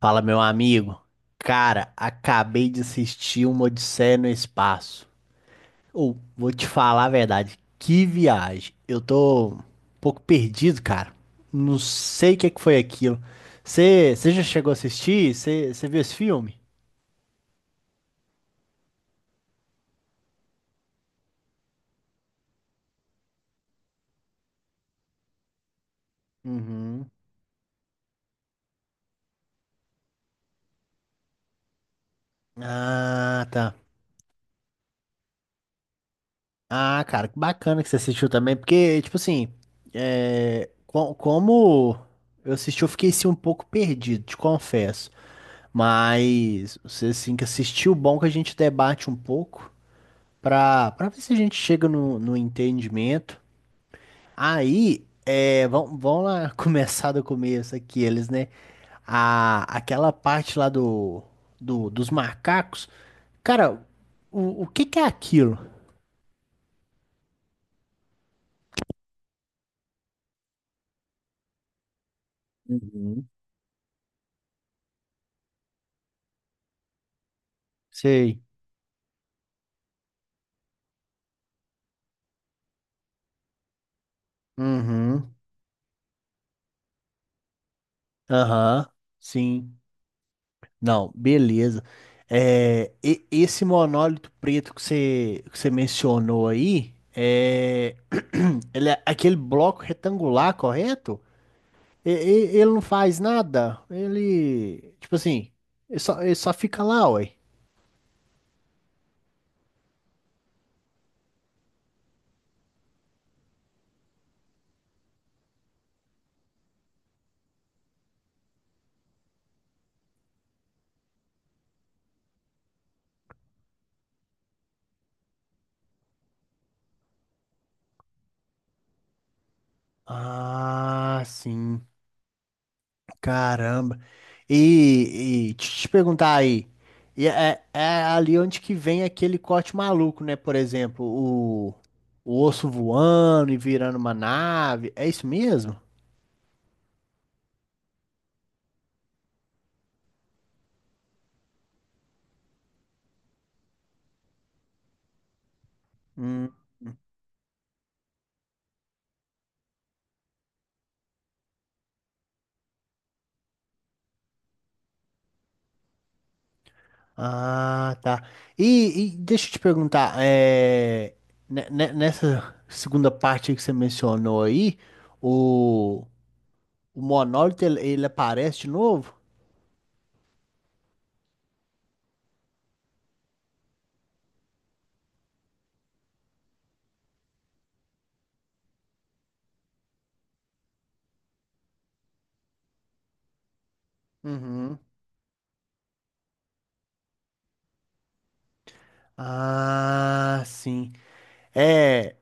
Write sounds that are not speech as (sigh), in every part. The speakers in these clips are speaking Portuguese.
Fala, meu amigo. Cara, acabei de assistir uma Odisseia no Espaço. Ou, vou te falar a verdade, que viagem. Eu tô um pouco perdido, cara. Não sei o que é que foi aquilo. Você já chegou a assistir? Você viu esse filme? Uhum. Ah, tá. Ah, cara, que bacana que você assistiu também, porque, tipo assim, como eu assisti, eu fiquei assim, um pouco perdido, te confesso. Mas você assim que assistiu, bom que a gente debate um pouco pra ver se a gente chega no entendimento. Aí, vamos lá (laughs) começar do começo aqui, eles, né? Aquela parte lá dos macacos. Cara, o que que é aquilo? Uhum. Sei. Uhum. Aham. Sim. Não, beleza. Esse monólito preto que você mencionou aí, (clears throat) ele é aquele bloco retangular, correto? Ele não faz nada. Ele, tipo assim, ele só fica lá, ué. Ah, sim. Caramba. E te perguntar aí, e é ali onde que vem aquele corte maluco, né? Por exemplo, o osso voando e virando uma nave. É isso mesmo? Hum. Ah, tá. E deixa eu te perguntar, nessa segunda parte aí que você mencionou aí, o, o monólito ele aparece de novo? Uhum. Ah, sim. É.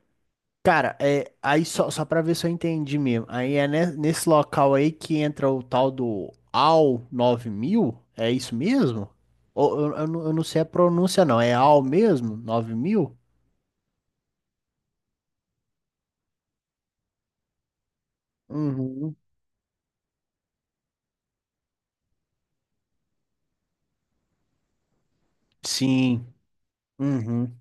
Cara, aí só pra ver se eu entendi mesmo. Aí é nesse local aí que entra o tal do AL mil. É isso mesmo? Ou, eu não sei a pronúncia, não. É AL mesmo? 9000? Uhum. Sim. Uhum.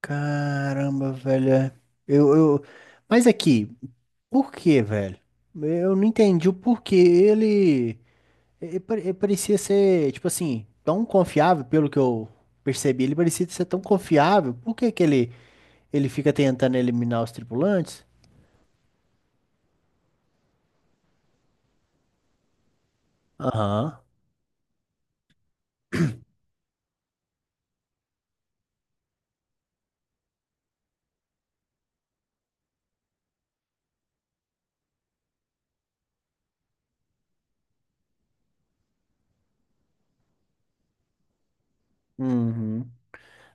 Caramba, velho. É. Eu, eu... Mas aqui, por que, velho? Eu não entendi o porquê ele. Ele parecia ser, tipo assim, tão confiável, pelo que eu percebi, ele parecia ser tão confiável. Por que que ele fica tentando eliminar os tripulantes? Aham. Uhum.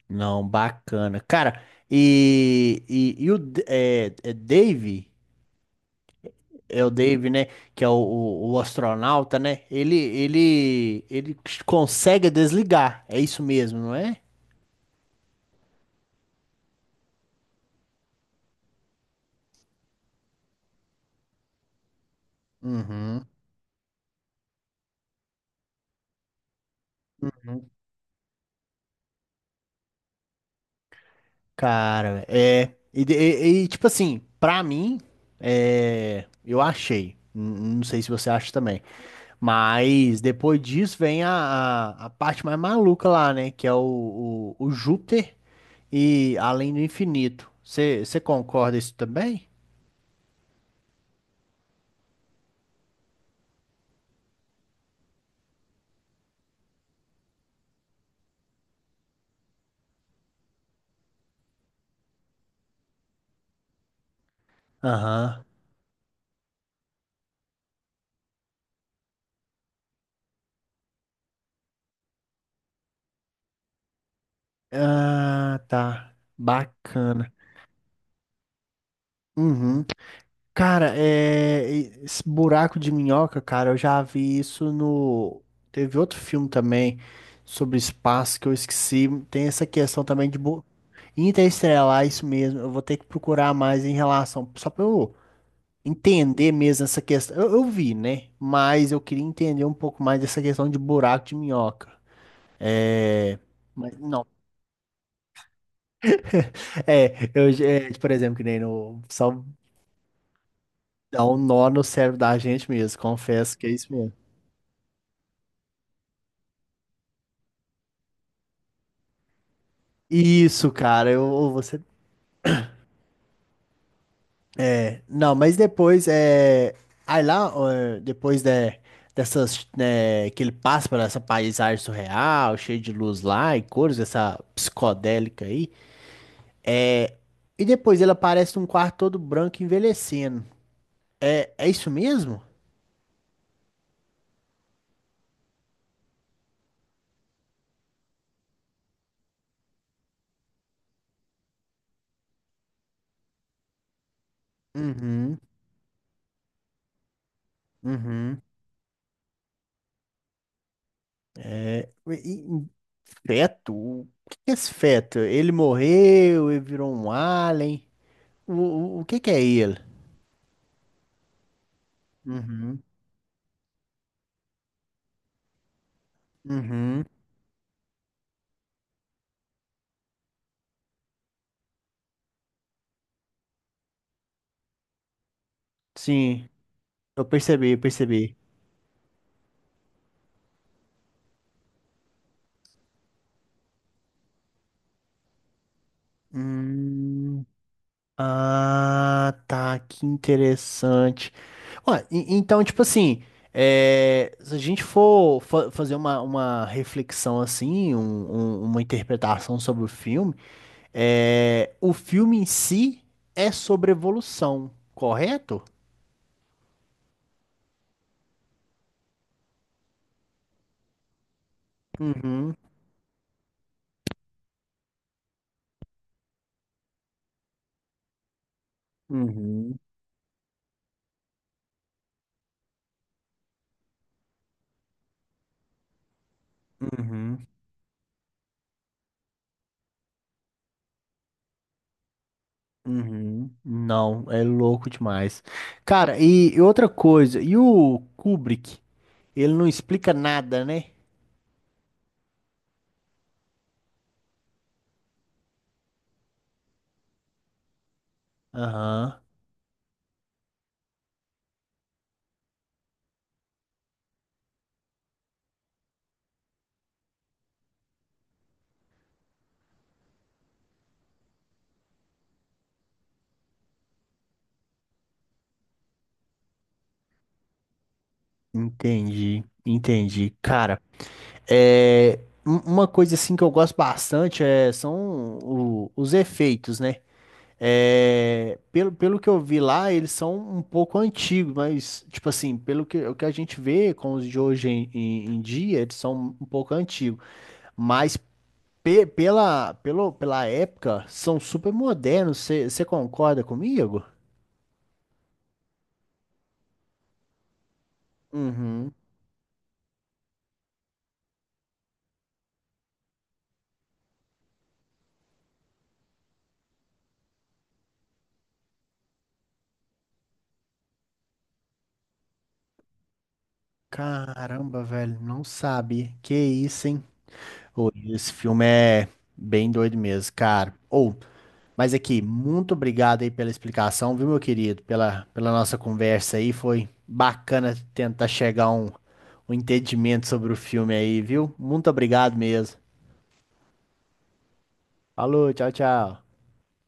Não, bacana. Cara, e o é Dave, é o Dave, né? Que é o astronauta, né? Ele consegue desligar. É isso mesmo, não é? Uhum. Cara, é. E, tipo assim, pra mim, eu achei. Não sei se você acha também. Mas depois disso vem a parte mais maluca lá, né? Que é o Júpiter e Além do Infinito. Você concorda isso também? Aham. Ah, tá. Bacana. Uhum. Cara, esse buraco de minhoca, cara, eu já vi isso no. Teve outro filme também sobre espaço que eu esqueci. Tem essa questão também de bu-. Interestelar, isso mesmo. Eu vou ter que procurar mais em relação, só pra eu entender mesmo essa questão. Eu vi, né? Mas eu queria entender um pouco mais dessa questão de buraco de minhoca. é, Mas não. Por exemplo, que nem no. Só dá um nó no cérebro da gente mesmo, confesso que é isso mesmo. Isso, cara, eu ou você. Não, mas depois é. Aí lá, ó, depois dessas, né, que ele passa por essa paisagem surreal, cheia de luz lá e cores, essa psicodélica aí. E depois ele aparece num quarto todo branco envelhecendo. É isso mesmo? Uhum, uhum. É, e- e- feto? O que que é esse feto? Ele morreu, ele virou um alien. O que que é ele? Uhum, uhum. Sim. Eu percebi, eu percebi. Hum, ah, tá, que interessante. Ué, então, tipo assim, se a gente for fazer uma reflexão assim, uma interpretação sobre o filme, o filme em si é sobre evolução, correto? Uhum, uhum, uhum, uhum. Não, é louco demais. Cara, e outra coisa, e o Kubrick? Ele não explica nada, né? Aham, entendi, entendi. Cara, é, uma coisa assim que eu gosto bastante são os efeitos, né? Pelo que eu vi lá, eles são um pouco antigos, mas, tipo assim, o que a gente vê com os de hoje em dia, eles são um pouco antigos. Mas pela época, são super modernos. Você concorda comigo? Uhum. Caramba, velho, não sabe. Que isso, hein? Ô, esse filme é bem doido mesmo, cara. Ou, mas aqui, muito obrigado aí pela explicação, viu, meu querido? Pela nossa conversa aí, foi bacana tentar chegar a um entendimento sobre o filme aí, viu? Muito obrigado mesmo. Falou, tchau, tchau.